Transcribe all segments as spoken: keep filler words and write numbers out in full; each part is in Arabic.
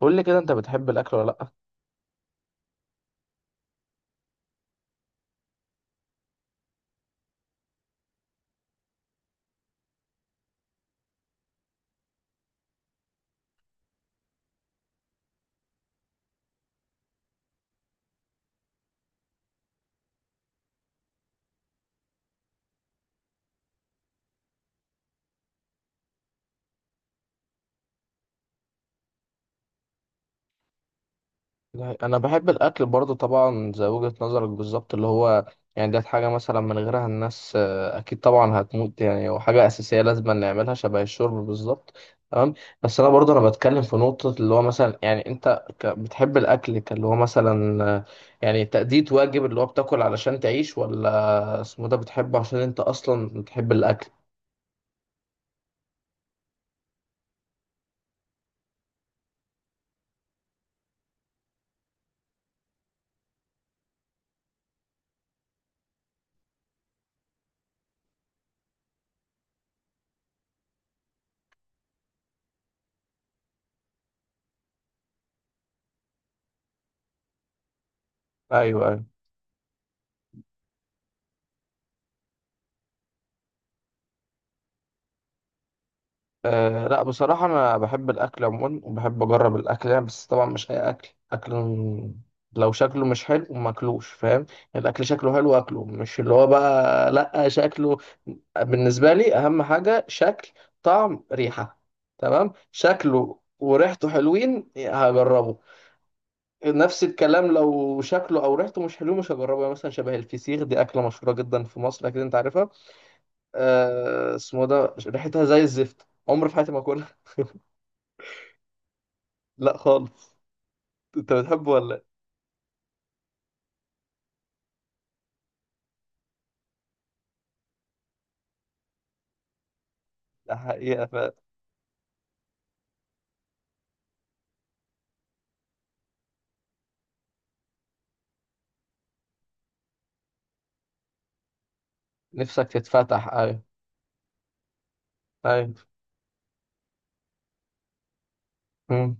قول لي كده، انت بتحب الاكل ولا لا؟ لا، انا بحب الاكل برضو طبعا، زي وجهة نظرك بالظبط. اللي هو يعني ده حاجة مثلا من غيرها الناس آه، اكيد طبعا هتموت يعني، وحاجة اساسية لازم نعملها شبه الشرب بالظبط. تمام. بس انا برضو انا بتكلم في نقطة اللي هو مثلا، يعني انت ك- بتحب الاكل كاللي هو مثلا آه، يعني تأدية واجب، اللي هو بتاكل علشان تعيش، ولا اسمه ده بتحبه عشان انت اصلا بتحب الاكل؟ ايوه، ايوه. أه، لا، بصراحة أنا بحب الأكل عموما، وبحب أجرب الأكل يعني. بس طبعا مش أي أكل أكل. لو شكله مش حلو ماكلوش، فاهم؟ يعني الأكل شكله حلو أكله، مش اللي هو بقى لأ شكله. بالنسبة لي أهم حاجة شكل، طعم، ريحة. تمام، شكله وريحته حلوين هجربه. نفس الكلام لو شكله أو ريحته مش حلو مش هجربه. يعني مثلا شبه الفسيخ، دي أكلة مشهورة جدا في مصر أكيد أنت عارفها. أه، اسمه ده ريحتها زي الزفت، عمري في حياتي ما أكلها. لا خالص. انت بتحبه ولا إيه؟ ده حقيقة فعلا. نفسك تتفتح، ايوه. ايوه. مم.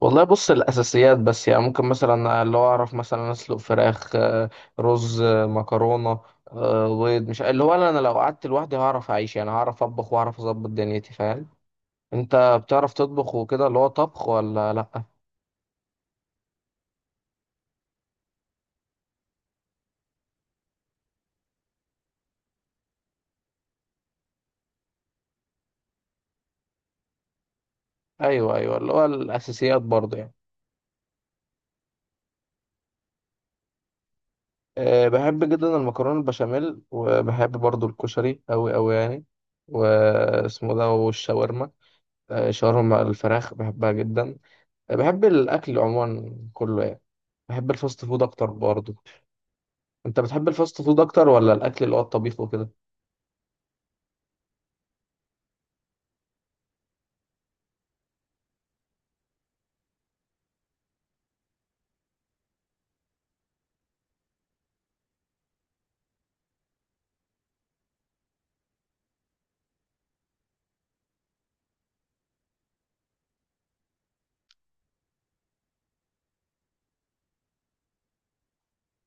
والله بص، الاساسيات بس يعني. ممكن مثلا اللي هو اعرف مثلا اسلق فراخ، آه، رز، آه، مكرونة، آه، بيض. مش اللي هو انا لو قعدت لوحدي هعرف اعيش يعني، هعرف اطبخ واعرف اظبط دنيتي، فاهم؟ انت بتعرف تطبخ وكده، اللي هو طبخ ولا لا؟ ايوه، ايوه، اللي هو الاساسيات برضه يعني. أه، بحب جدا المكرونة البشاميل، وبحب برضو الكشري أوي أوي يعني. واسمه ده، والشاورما. أه الشاورما مع الفراخ بحبها جدا. أه، بحب الأكل عموما كله يعني. بحب الفاست فود أكتر برضو. أنت بتحب الفاست فود أكتر ولا الأكل اللي هو الطبيخ وكده؟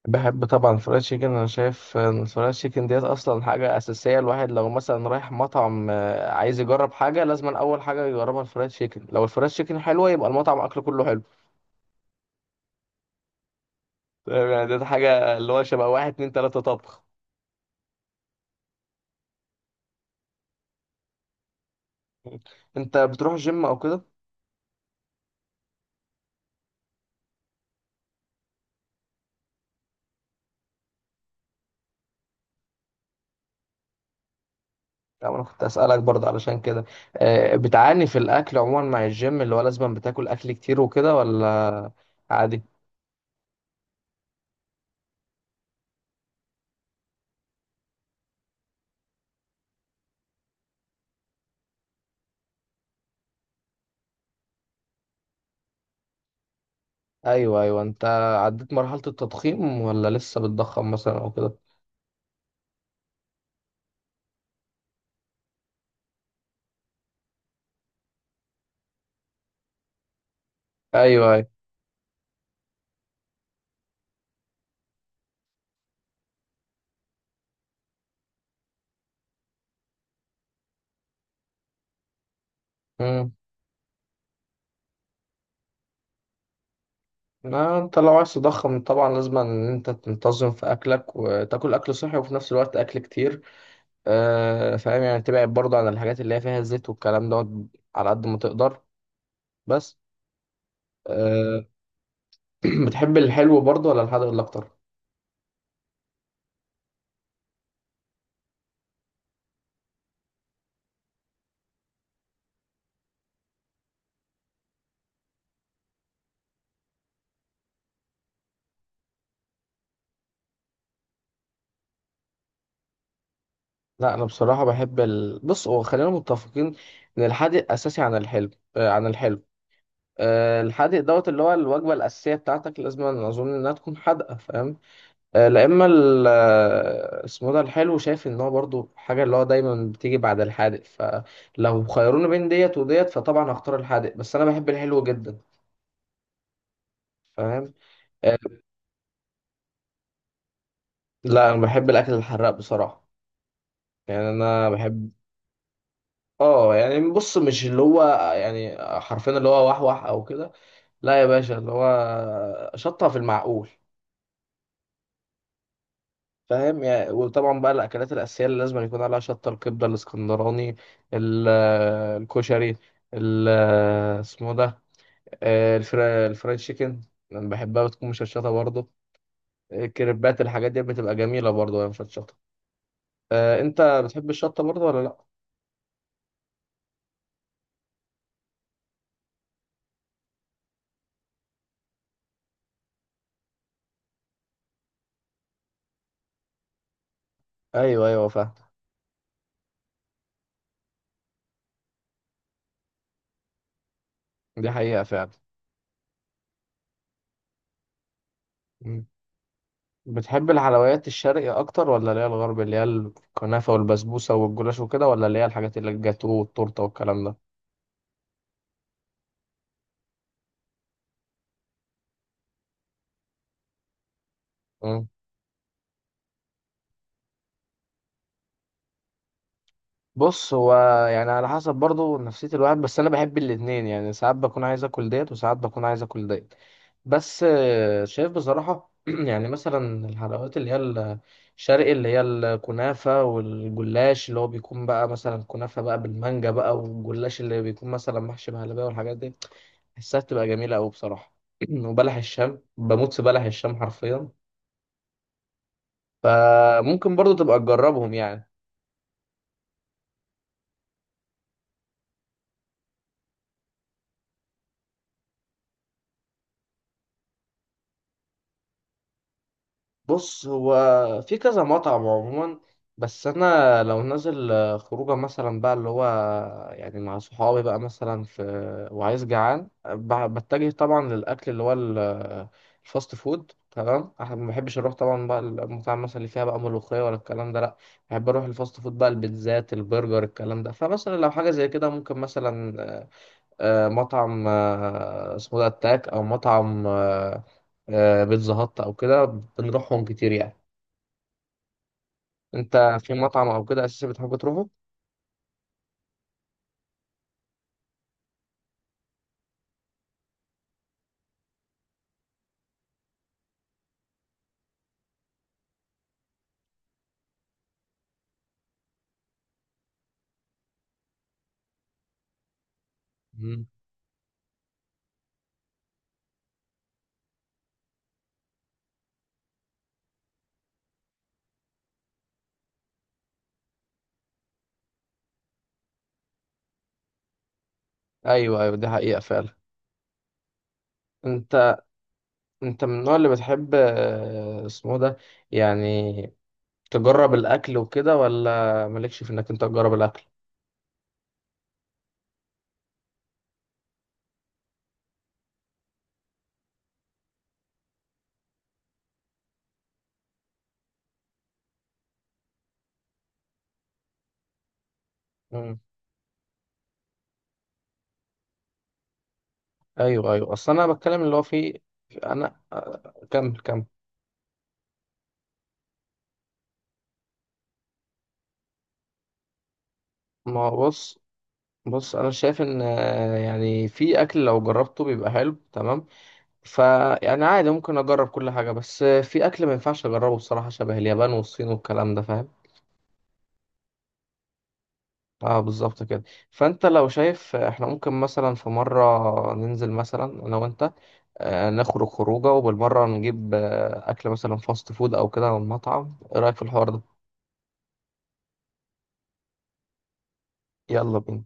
بحب طبعا الفرايد تشيكن. أنا شايف إن الفرايد تشيكن ديت أصلا حاجة أساسية. الواحد لو مثلا رايح مطعم آه، عايز يجرب حاجة، لازم أول حاجة يجربها الفرايد تشيكن. لو الفرايد تشيكن حلوة يبقى المطعم أكله كله حلو. تمام، يعني ده حاجة اللي هو شبه واحد اتنين تلاتة طبخ. انت بتروح جيم او كده؟ يعني انا كنت اسألك برضه علشان كده. آه، بتعاني في الاكل عموما مع الجيم، اللي هو لازم بتاكل اكل كتير وكده، ولا عادي؟ ايوه، ايوه. انت عديت مرحلة التضخيم ولا لسه بتضخم مثلا او كده؟ ايوه، ايوه. امم لا، انت لو عايز تضخم طبعا لازم ان انت تنتظم في اكلك، وتاكل اكل صحي، وفي نفس الوقت اكل كتير. آه، فاهم يعني، تبعد برضه عن الحاجات اللي هي فيها زيت والكلام دوت، على قد ما تقدر. بس أه. بتحب الحلو برضه ولا الحادق ولا اكتر؟ لا، انا بصراحه بحب ال... بص هو خلينا متفقين ان الحادق اساسي عن الحلو. أه، عن الحلو. أه، الحادق دوت اللي هو الوجبه الاساسيه بتاعتك، لازم أنا اظن انها تكون حادقه، فاهم؟ أه لا، اما ال- آه، اسمه ده الحلو، شايف ان هو برضه حاجه اللي هو دايما بتيجي بعد الحادق، فلو خيروني بين ديت وديت فطبعا هختار الحادق، بس انا بحب الحلو جدا، فاهم؟ أه لا، انا بحب الاكل الحراق بصراحه. يعني انا بحب. اه يعني بص، مش اللي هو يعني حرفيا اللي هو وحوح او كده، لا يا باشا، اللي هو شطها في المعقول، فاهم يعني. وطبعا بقى الاكلات الاساسيه اللي لازم يكون عليها شطه، الكبده الاسكندراني، ال- الكشري، ال- اسمه ده آه، الفرا- الفرايد تشيكن، انا بحبها بتكون مشطشطه برضه. الكريبات، الحاجات دي بتبقى جميله برضه وهي مشطشطه. آه، انت بتحب الشطه برضه ولا لا؟ ايوه، ايوه، فاهم. دي حقيقه فعلا. بتحب الحلويات الشرقي اكتر، ولا اللي هي الغرب اللي هي الكنافه والبسبوسه والجلاش وكده، ولا اللي هي الحاجات اللي الجاتو والتورته والكلام ده؟ مم. بص هو، يعني على حسب برضه نفسيه الواحد، بس انا بحب الاتنين يعني. ساعات بكون عايز اكل ديت، وساعات بكون عايز اكل ديت. بس آه، شايف بصراحه يعني مثلا الحلويات اللي هي الشرقي، اللي هي الكنافه والجلاش، اللي هو بيكون بقى مثلا كنافه بقى بالمانجا بقى، والجلاش اللي بيكون مثلا محشي بهلبيه والحاجات دي، حسها بتبقى جميلة أوي بصراحة. وبلح الشام، بموت في بلح الشام حرفيا. فممكن برضو تبقى تجربهم يعني. بص هو في كذا مطعم عموما. بس انا لو نازل آه، خروجه مثلا بقى اللي هو، يعني مع صحابي بقى مثلا، في وعايز جعان ب- بتجه طبعا للاكل اللي هو ال- آه، الفاست فود. تمام، احنا ما بحبش اروح طبعا بقى المطاعم مثلا اللي فيها بقى ملوخيه ولا الكلام ده لا. بحب اروح الفاست فود بقى، البيتزات، البرجر، الكلام ده. فمثلا لو حاجه زي كده ممكن مثلا آه، مطعم آه، اسمه ده التاك، او مطعم آه، آه، بيتزا هات او كده، بنروحهم كتير يعني. انت في مطعم او كده اساسا بتحب تروحه؟ مم. ايوه، ايوه، دي حقيقة فعلا. انت انت من النوع اللي بتحب آه، اسمه ده يعني تجرب الاكل وكده، ولا مالكش في انك انت تجرب الاكل؟ مم. ايوه، ايوه، اصل انا بتكلم اللي هو في في- انا آه، كمل، كمل. ما هو بص، بص انا شايف ان آه، يعني في اكل لو جربته بيبقى حلو تمام، فيعني عادي ممكن اجرب كل حاجه، بس في اكل ما ينفعش اجربه بصراحه شبه اليابان والصين والكلام ده، فاهم؟ اه بالظبط كده. فانت لو شايف احنا ممكن مثلا في مره ننزل مثلا انا وانت، آه، نخرج خروجه وبالمره نجيب آه، اكل مثلا فاست فود او كده من مطعم، ايه رايك في الحوار ده؟ يلا بينا.